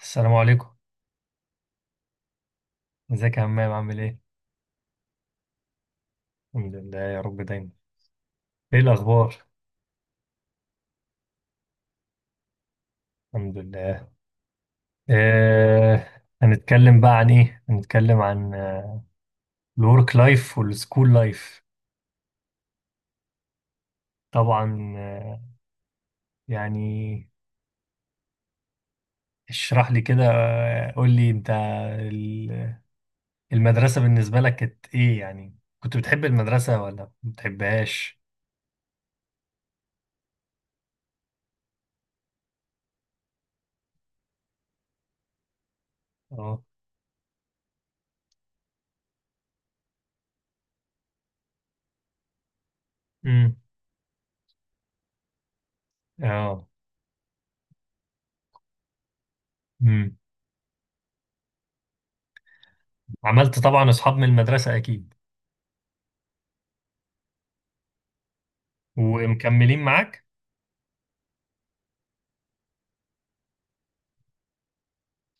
السلام عليكم. ازيك يا عمام، عامل ايه؟ الحمد لله يا رب دايما. ايه الاخبار؟ الحمد لله. هنتكلم بقى عن ايه، هنتكلم عن الورك لايف والسكول لايف. طبعا، يعني اشرح لي كده، قول لي انت. ال- المدرسة بالنسبة لك كانت ايه؟ يعني كنت بتحب المدرسة ولا ما بتحبهاش؟ اه. امم. اه. امم. عملت طبعا اصحاب من المدرسة اكيد، ومكملين معاك.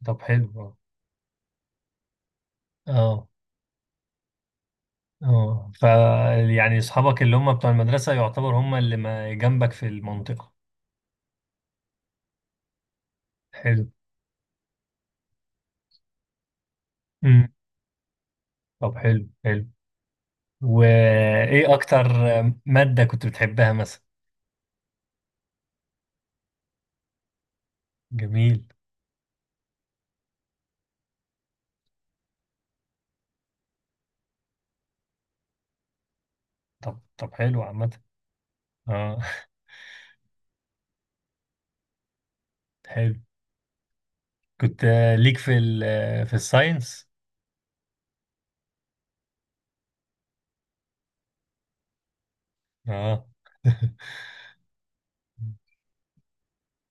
طب حلو. اه. اه. يعني اصحابك اللي هم بتوع المدرسه يعتبر هم اللي ما جنبك في المنطقه. حلو. امم. طب حلو حلو. وايه اكتر ماده كنت بتحبها مثلا؟ جميل. طب حلو عامه. اه. حلو. كنت ليك في الساينس؟ اه.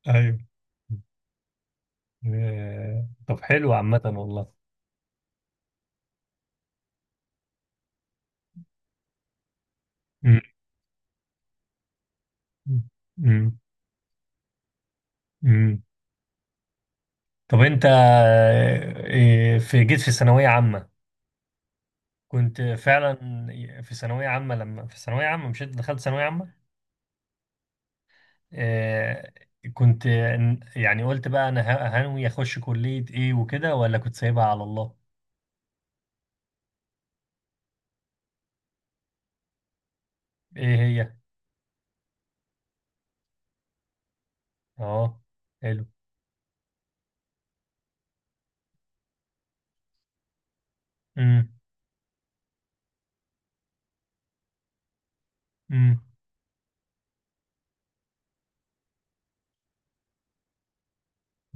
ايوه. طب حلو عامه والله. امم. امم. طب انت، في جيت في ثانوية عامة، كنت فعلا في ثانوية عامة، لما في ثانوية عامة، مش انت دخلت ثانوية عامة؟ آه، كنت يعني قلت بقى انا هنوي اخش كلية ايه وكده، ولا كنت سايبها على الله؟ ايه هي؟ اه. حلو. امم. امم.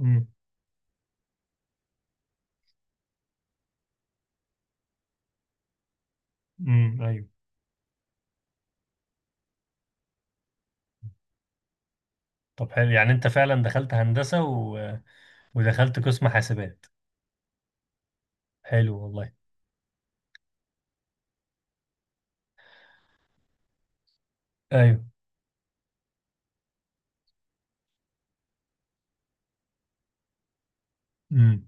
امم. امم. ايوه. طب حلو. يعني انت فعلا دخلت هندسة ودخلت قسم حاسبات. حلو والله. ايوه. امم.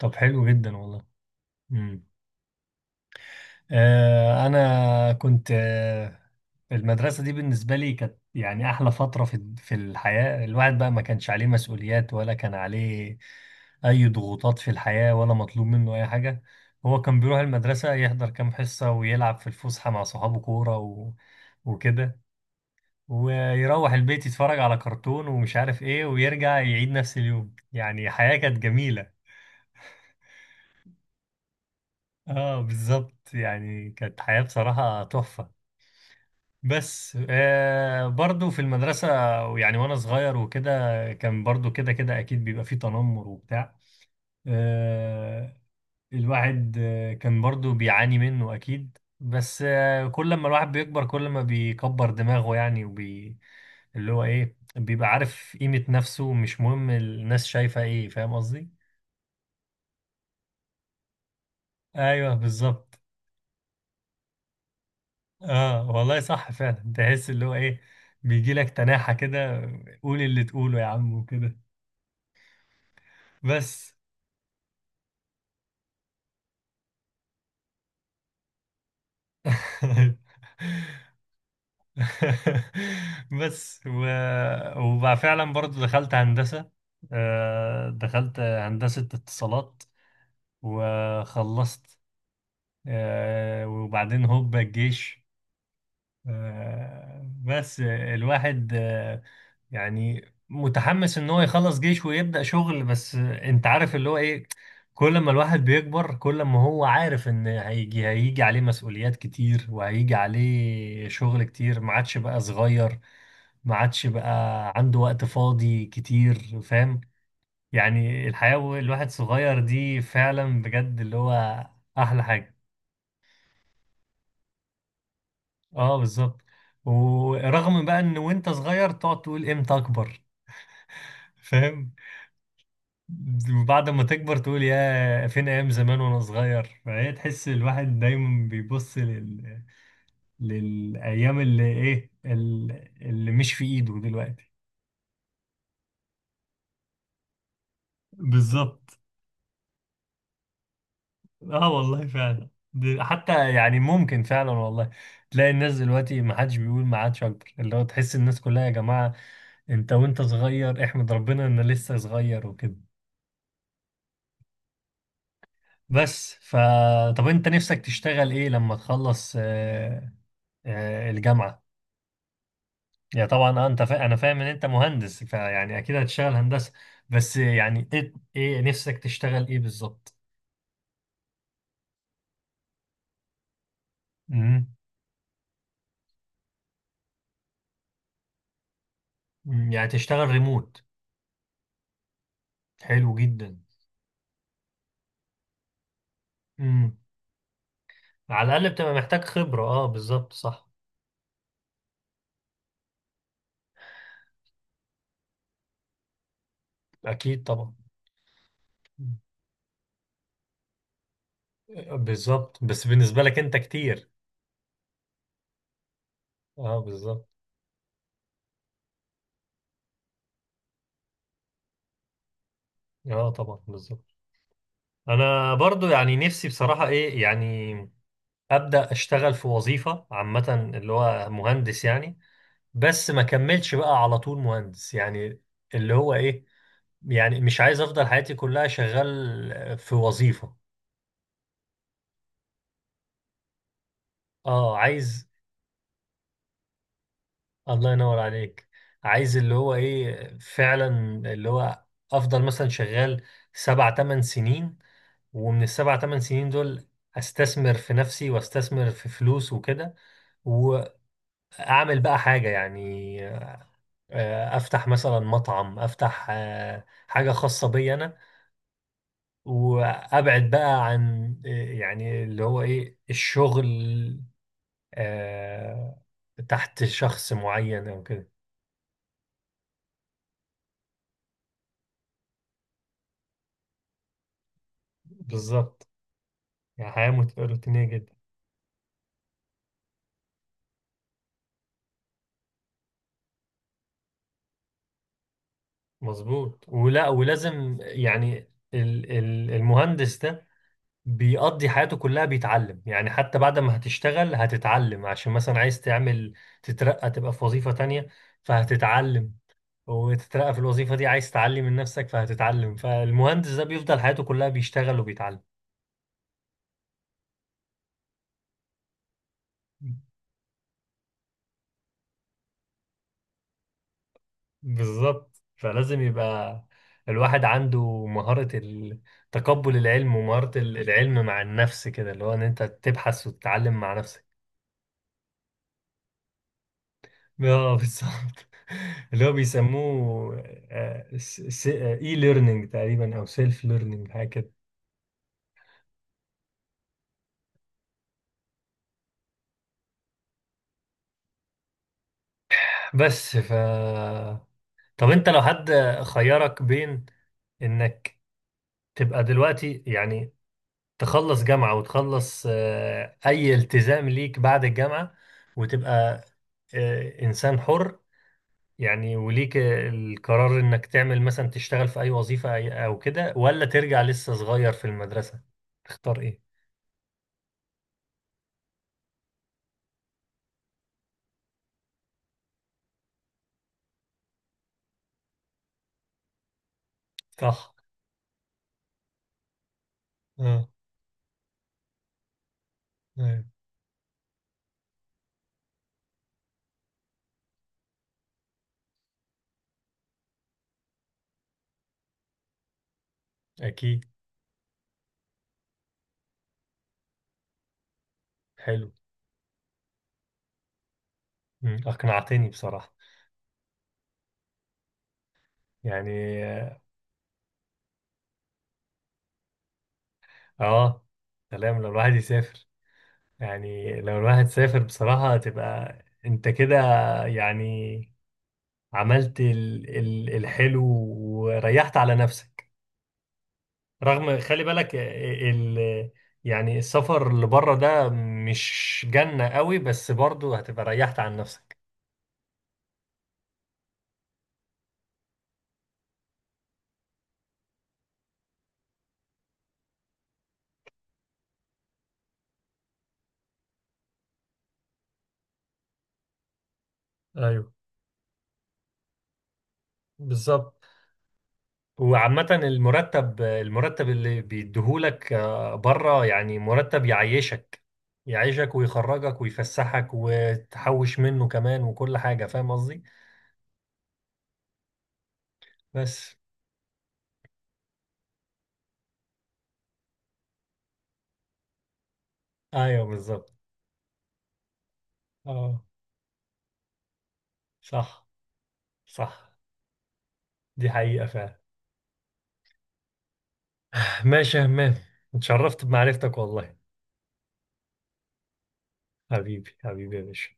طب حلو جدا والله. امم. أنا كنت المدرسة دي بالنسبة لي كانت يعني أحلى فترة في الحياة. الواحد بقى ما كانش عليه مسؤوليات، ولا كان عليه أي ضغوطات في الحياة، ولا مطلوب منه أي حاجة. هو كان بيروح المدرسة، يحضر كام حصة، ويلعب في الفسحة مع صحابه كورة وكده، ويروح البيت يتفرج على كرتون ومش عارف إيه، ويرجع يعيد نفس اليوم. يعني حياة كانت جميلة. اه بالظبط. يعني كانت حياة بصراحة تحفة. بس برضو في المدرسة، يعني وأنا صغير وكده، كان برضو كده كده أكيد بيبقى فيه تنمر وبتاع. آه الواحد كان برضو بيعاني منه أكيد. بس كل ما الواحد بيكبر كل ما بيكبر دماغه، يعني اللي هو إيه، بيبقى عارف قيمة نفسه، مش مهم الناس شايفة إيه. فاهم قصدي؟ أيوه بالظبط. آه والله صح فعلا. تحس اللي هو إيه، بيجيلك تناحة كده، قول اللي تقوله يا عم وكده. بس. بس وبقى فعلا برضو دخلت هندسة، دخلت هندسة اتصالات وخلصت. وبعدين هوب الجيش. بس الواحد يعني متحمس ان هو يخلص جيش ويبدأ شغل. بس انت عارف اللي هو ايه، كل ما الواحد بيكبر كل ما هو عارف ان هيجي عليه مسؤوليات كتير، وهيجي عليه شغل كتير، ما عادش بقى صغير، ما عادش بقى عنده وقت فاضي كتير. فاهم؟ يعني الحياة الواحد صغير دي فعلا بجد اللي هو احلى حاجة. اه بالظبط. ورغم بقى ان وانت صغير تقعد تقول امتى اكبر، فاهم، وبعد ما تكبر تقول يا فين ايام زمان وانا صغير. فهي تحس الواحد دايما بيبص للايام اللي ايه، اللي مش في ايده دلوقتي. بالظبط. اه والله فعلا، حتى يعني ممكن فعلا والله تلاقي الناس دلوقتي ما حدش بيقول ما عادش اكبر. اللي هو تحس الناس كلها يا جماعة، انت وانت صغير احمد ربنا ان لسه صغير وكده. بس طب انت نفسك تشتغل ايه لما تخلص الجامعة؟ يعني طبعا انا فاهم ان انت مهندس، فيعني اكيد هتشتغل هندسة. بس يعني ايه، إيه نفسك تشتغل ايه بالظبط؟ امم. أمم، يعني تشتغل ريموت؟ حلو جدا. امم. على الاقل بتبقى محتاج خبرة، اه بالظبط صح. اكيد طبعا. أمم. بالظبط، بس بالنسبة لك انت كتير. اه بالظبط. اه طبعا بالظبط. انا برضو يعني نفسي بصراحة ايه يعني، ابدا اشتغل في وظيفه عامه اللي هو مهندس يعني، بس ما كملش بقى على طول مهندس يعني. اللي هو ايه، يعني مش عايز افضل حياتي كلها شغال في وظيفه. اه. عايز. الله ينور عليك. عايز اللي هو ايه فعلا، اللي هو افضل مثلا شغال سبع تمن سنين، ومن السبع تمن سنين دول استثمر في نفسي واستثمر في فلوس وكده، واعمل بقى حاجه يعني، افتح مثلا مطعم، افتح حاجه خاصه بي انا، وابعد بقى عن يعني اللي هو ايه الشغل آه، تحت شخص معين او كده. بالظبت. يعني حياه روتينيه جدا. مظبوط، ولازم يعني المهندس ده بيقضي حياته كلها بيتعلم. يعني حتى بعد ما هتشتغل هتتعلم عشان مثلا عايز تعمل تترقى تبقى في وظيفة تانية، فهتتعلم وتترقى في الوظيفة دي. عايز تعلي من نفسك فهتتعلم، فالمهندس ده بيفضل حياته كلها بيشتغل وبيتعلم. بالظبط. فلازم يبقى الواحد عنده مهارة تقبل العلم، ومهارة العلم مع النفس كده، اللي هو ان انت تبحث وتتعلم مع نفسك. اه بالظبط. اللي هو بيسموه اي ليرنينج تقريبا او سيلف ليرنينج حاجة كده. بس طب انت لو حد خيرك بين انك تبقى دلوقتي يعني تخلص جامعة وتخلص أي التزام ليك بعد الجامعة، وتبقى إنسان حر، يعني وليك القرار إنك تعمل مثلا تشتغل في أي وظيفة أو كده، ولا ترجع لسه صغير في المدرسة، تختار إيه؟ صح. آه آه، أكيد. حلو. أقنعتني بصراحة. يعني آه، سلام لو الواحد يسافر. يعني لو الواحد سافر بصراحة تبقى أنت كده يعني، عملت ال ال الحلو وريحت على نفسك. رغم خلي بالك آه، ال يعني السفر اللي بره ده مش جنة قوي، بس برضو هتبقى ريحت عن نفسك. ايوه بالظبط. وعامة المرتب اللي بيديهولك بره يعني مرتب يعيشك، يعيشك ويخرجك ويفسحك وتحوش منه كمان وكل حاجة. فاهم قصدي؟ بس. ايوه بالظبط. اه. صح. صح. دي حقيقة فعلا. ماشي يا همام، اتشرفت بمعرفتك والله. حبيبي حبيبي يا باشا.